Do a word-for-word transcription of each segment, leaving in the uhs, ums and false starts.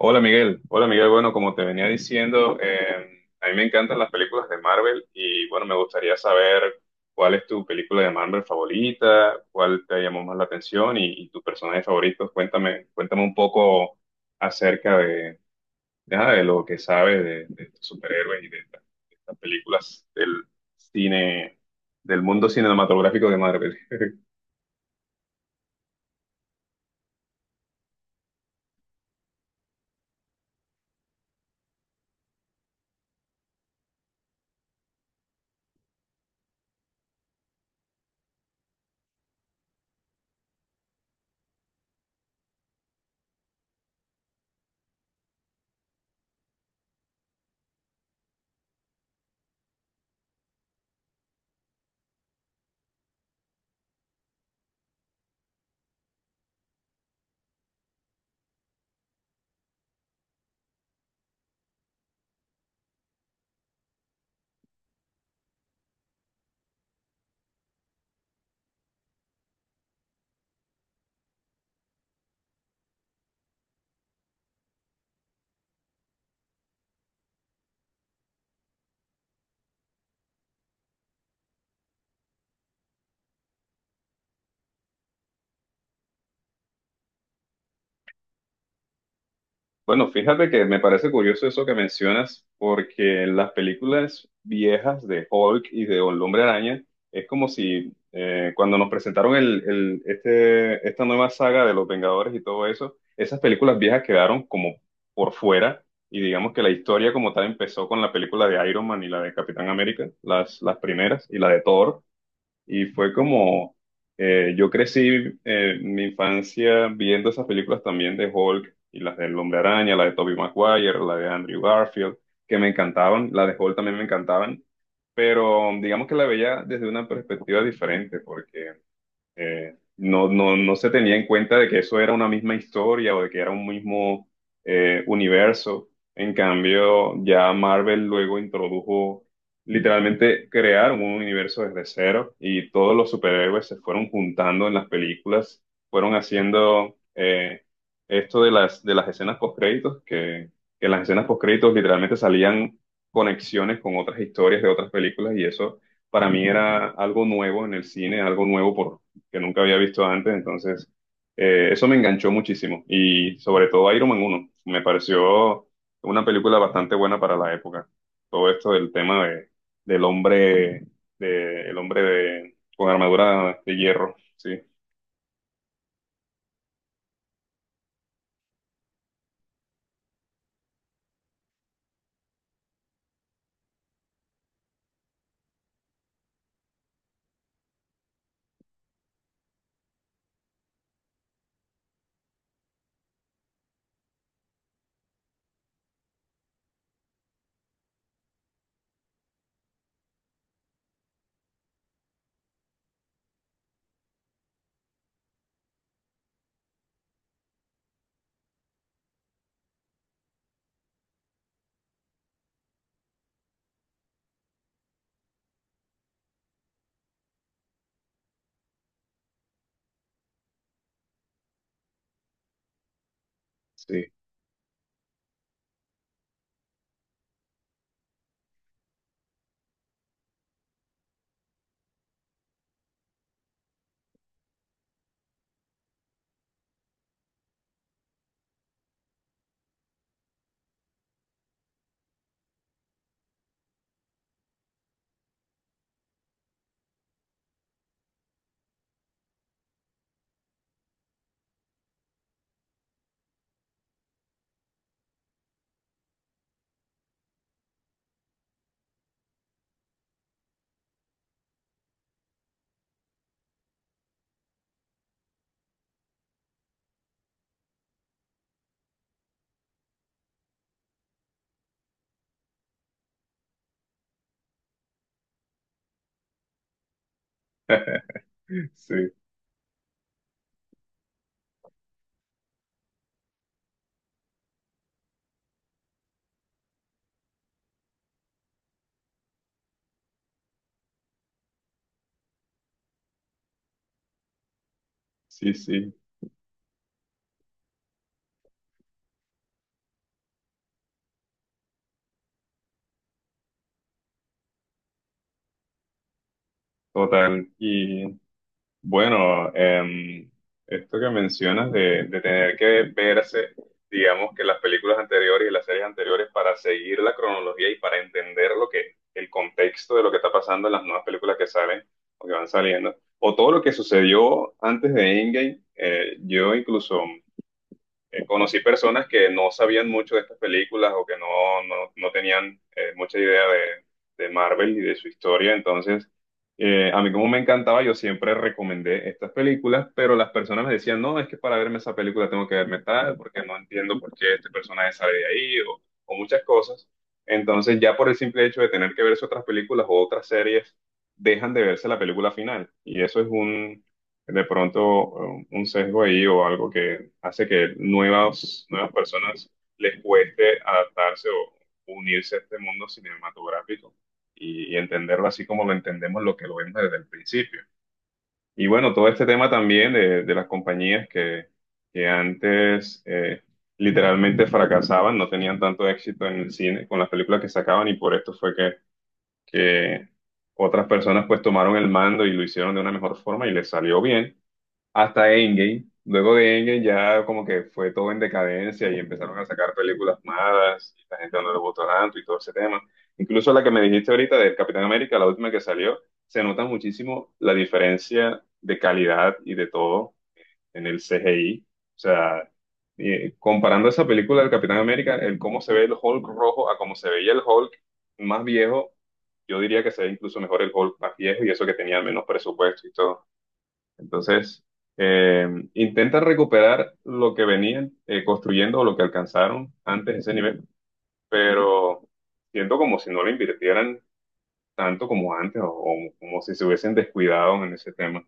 Hola Miguel, hola Miguel, bueno, como te venía diciendo, eh, a mí me encantan las películas de Marvel y bueno, me gustaría saber cuál es tu película de Marvel favorita, cuál te llamó más la atención y, y tu personaje favorito. Cuéntame, cuéntame un poco acerca de, de, ah, de lo que sabes de, de estos superhéroes y de, esta- de estas películas del cine, del mundo cinematográfico de Marvel. Bueno, fíjate que me parece curioso eso que mencionas, porque en las películas viejas de Hulk y de El Hombre Araña, es como si eh, cuando nos presentaron el, el- este, esta nueva saga de Los Vengadores y todo eso, esas películas viejas quedaron como por fuera, y digamos que la historia como tal empezó con la película de Iron Man y la de Capitán América, las, las primeras, y la de Thor, y fue como, eh, yo crecí eh, mi infancia viendo esas películas también de Hulk y las del Hombre Araña, la de Tobey Maguire, la de Andrew Garfield, que me encantaban, la de Hulk también me encantaban, pero digamos que la veía desde una perspectiva diferente, porque eh, no, no, no se tenía en cuenta de que eso era una misma historia o de que era un mismo eh, universo. En cambio, ya Marvel luego introdujo, literalmente crearon un universo desde cero y todos los superhéroes se fueron juntando en las películas, fueron haciendo eh, esto de las, de las escenas post-créditos, que, que en las escenas post-créditos literalmente salían conexiones con otras historias de otras películas y eso para mí era algo nuevo en el cine, algo nuevo por que nunca había visto antes, entonces eh, eso me enganchó muchísimo y sobre todo Iron Man uno me pareció una película bastante buena para la época. Todo esto del tema de, del hombre, de, el hombre de, con armadura de hierro, sí, sí, sí, sí, sí, total. Y bueno, em, esto que mencionas de, de tener que verse, digamos que las películas anteriores y las series anteriores para seguir la cronología y para entender lo que, el contexto de lo que está pasando en las nuevas películas que salen o que van saliendo, o todo lo que sucedió antes de Endgame, eh, yo incluso eh, conocí personas que no sabían mucho de estas películas o que no, no, no tenían eh, mucha idea de, de Marvel y de su historia. Entonces, eh, a mí como me encantaba, yo siempre recomendé estas películas, pero las personas me decían, no, es que para verme esa película tengo que verme tal, porque no entiendo por qué este personaje sale de ahí o, o muchas cosas. Entonces, ya por el simple hecho de tener que verse otras películas o otras series, dejan de verse la película final. Y eso es un, de pronto um, un sesgo ahí o algo que hace que nuevas, nuevas personas les cueste adaptarse o unirse a este mundo cinematográfico y, y entenderlo así como lo entendemos, lo que lo vemos desde el principio. Y bueno, todo este tema también de, de las compañías que, que antes eh, literalmente fracasaban, no tenían tanto éxito en el cine con las películas que sacaban y por esto fue que... que otras personas pues tomaron el mando y lo hicieron de una mejor forma y les salió bien hasta Endgame. Luego de Endgame ya como que fue todo en decadencia y empezaron a sacar películas malas y la gente no le gustó tanto y todo ese tema. Incluso la que me dijiste ahorita del Capitán América, la última que salió, se nota muchísimo la diferencia de calidad y de todo en el C G I. O sea, eh, comparando esa película del Capitán América, el cómo se ve el Hulk rojo a cómo se veía el Hulk más viejo, yo diría que se ve incluso mejor el Hulk más viejo y eso que tenía menos presupuesto y todo. Entonces, eh, intentan recuperar lo que venían eh, construyendo o lo que alcanzaron antes de ese nivel, pero siento como si no le invirtieran tanto como antes o, o como si se hubiesen descuidado en ese tema.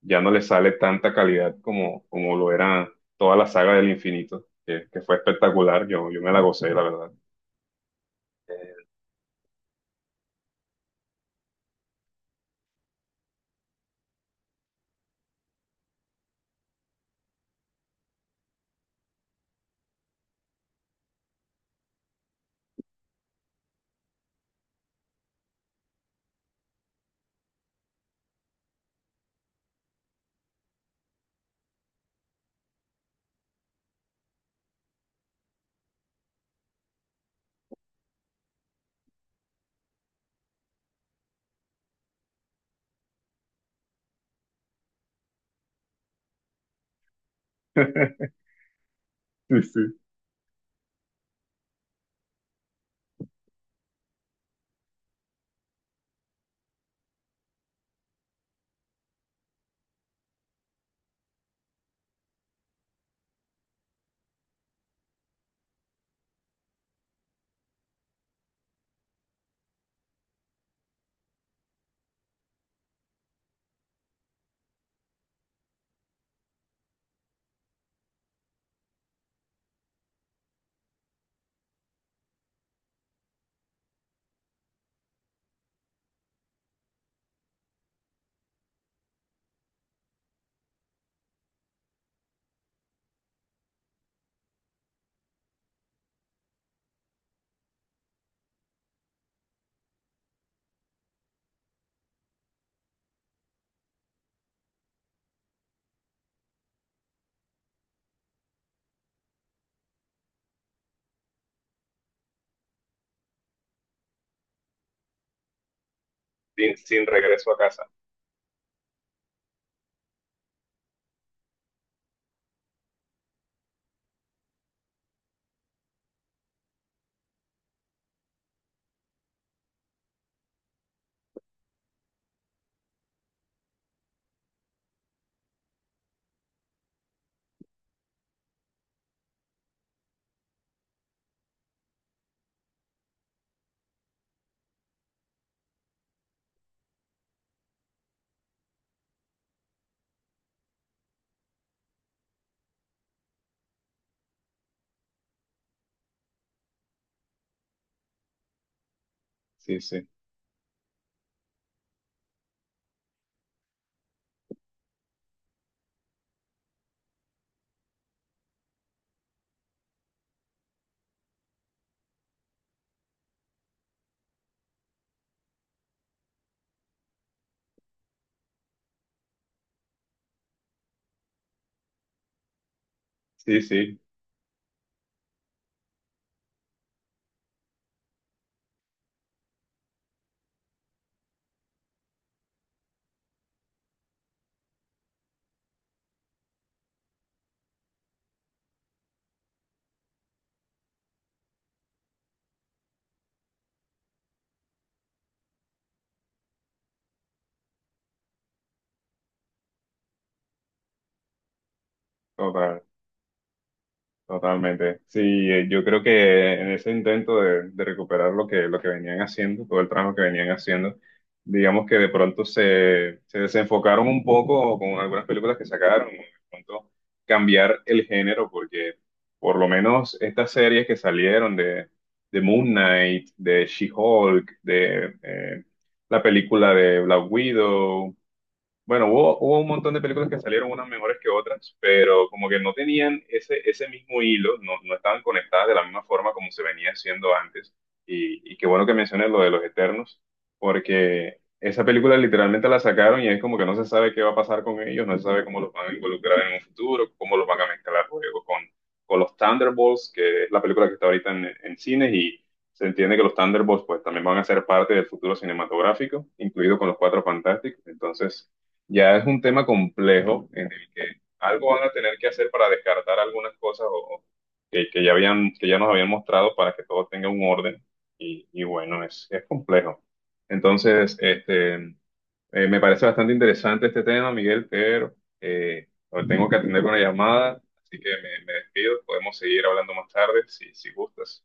Ya no les sale tanta calidad como, como lo era toda la saga del infinito, que, que fue espectacular. Yo, yo me la gocé, la verdad. Eh, Sí, sí. Sin, sin regreso a casa. Sí, sí. Sí, sí. Total. Totalmente. Sí, eh, yo creo que en ese intento de, de recuperar lo que, lo que venían haciendo, todo el trabajo que venían haciendo, digamos que de pronto se, se desenfocaron un poco con algunas películas que sacaron, ¿no? De pronto cambiar el género, porque por lo menos estas series que salieron de, de Moon Knight, de She-Hulk, de eh, la película de Black Widow, bueno, hubo, hubo un montón de películas que salieron unas mejores que otras, pero como que no tenían ese, ese mismo hilo, no, no estaban conectadas de la misma forma como se venía haciendo antes. Y, y qué bueno que menciones lo de los Eternos, porque esa película literalmente la sacaron y es como que no se sabe qué va a pasar con ellos, no se sabe cómo los van a involucrar en un futuro, cómo los van a mezclar luego con, con los Thunderbolts, que es la película que está ahorita en, en cines y se entiende que los Thunderbolts pues también van a ser parte del futuro cinematográfico, incluido con los Cuatro Fantásticos. Entonces... Ya es un tema complejo en el que algo van a tener que hacer para descartar algunas cosas o, o que, que ya habían, que ya nos habían mostrado para que todo tenga un orden. Y, y bueno, es, es complejo. Entonces, este, eh, me parece bastante interesante este tema, Miguel, pero eh, ahora tengo que atender una llamada, así que me, me despido. Podemos seguir hablando más tarde si, si gustas.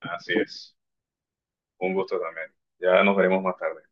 Así es, un gusto también. Ya nos veremos más tarde.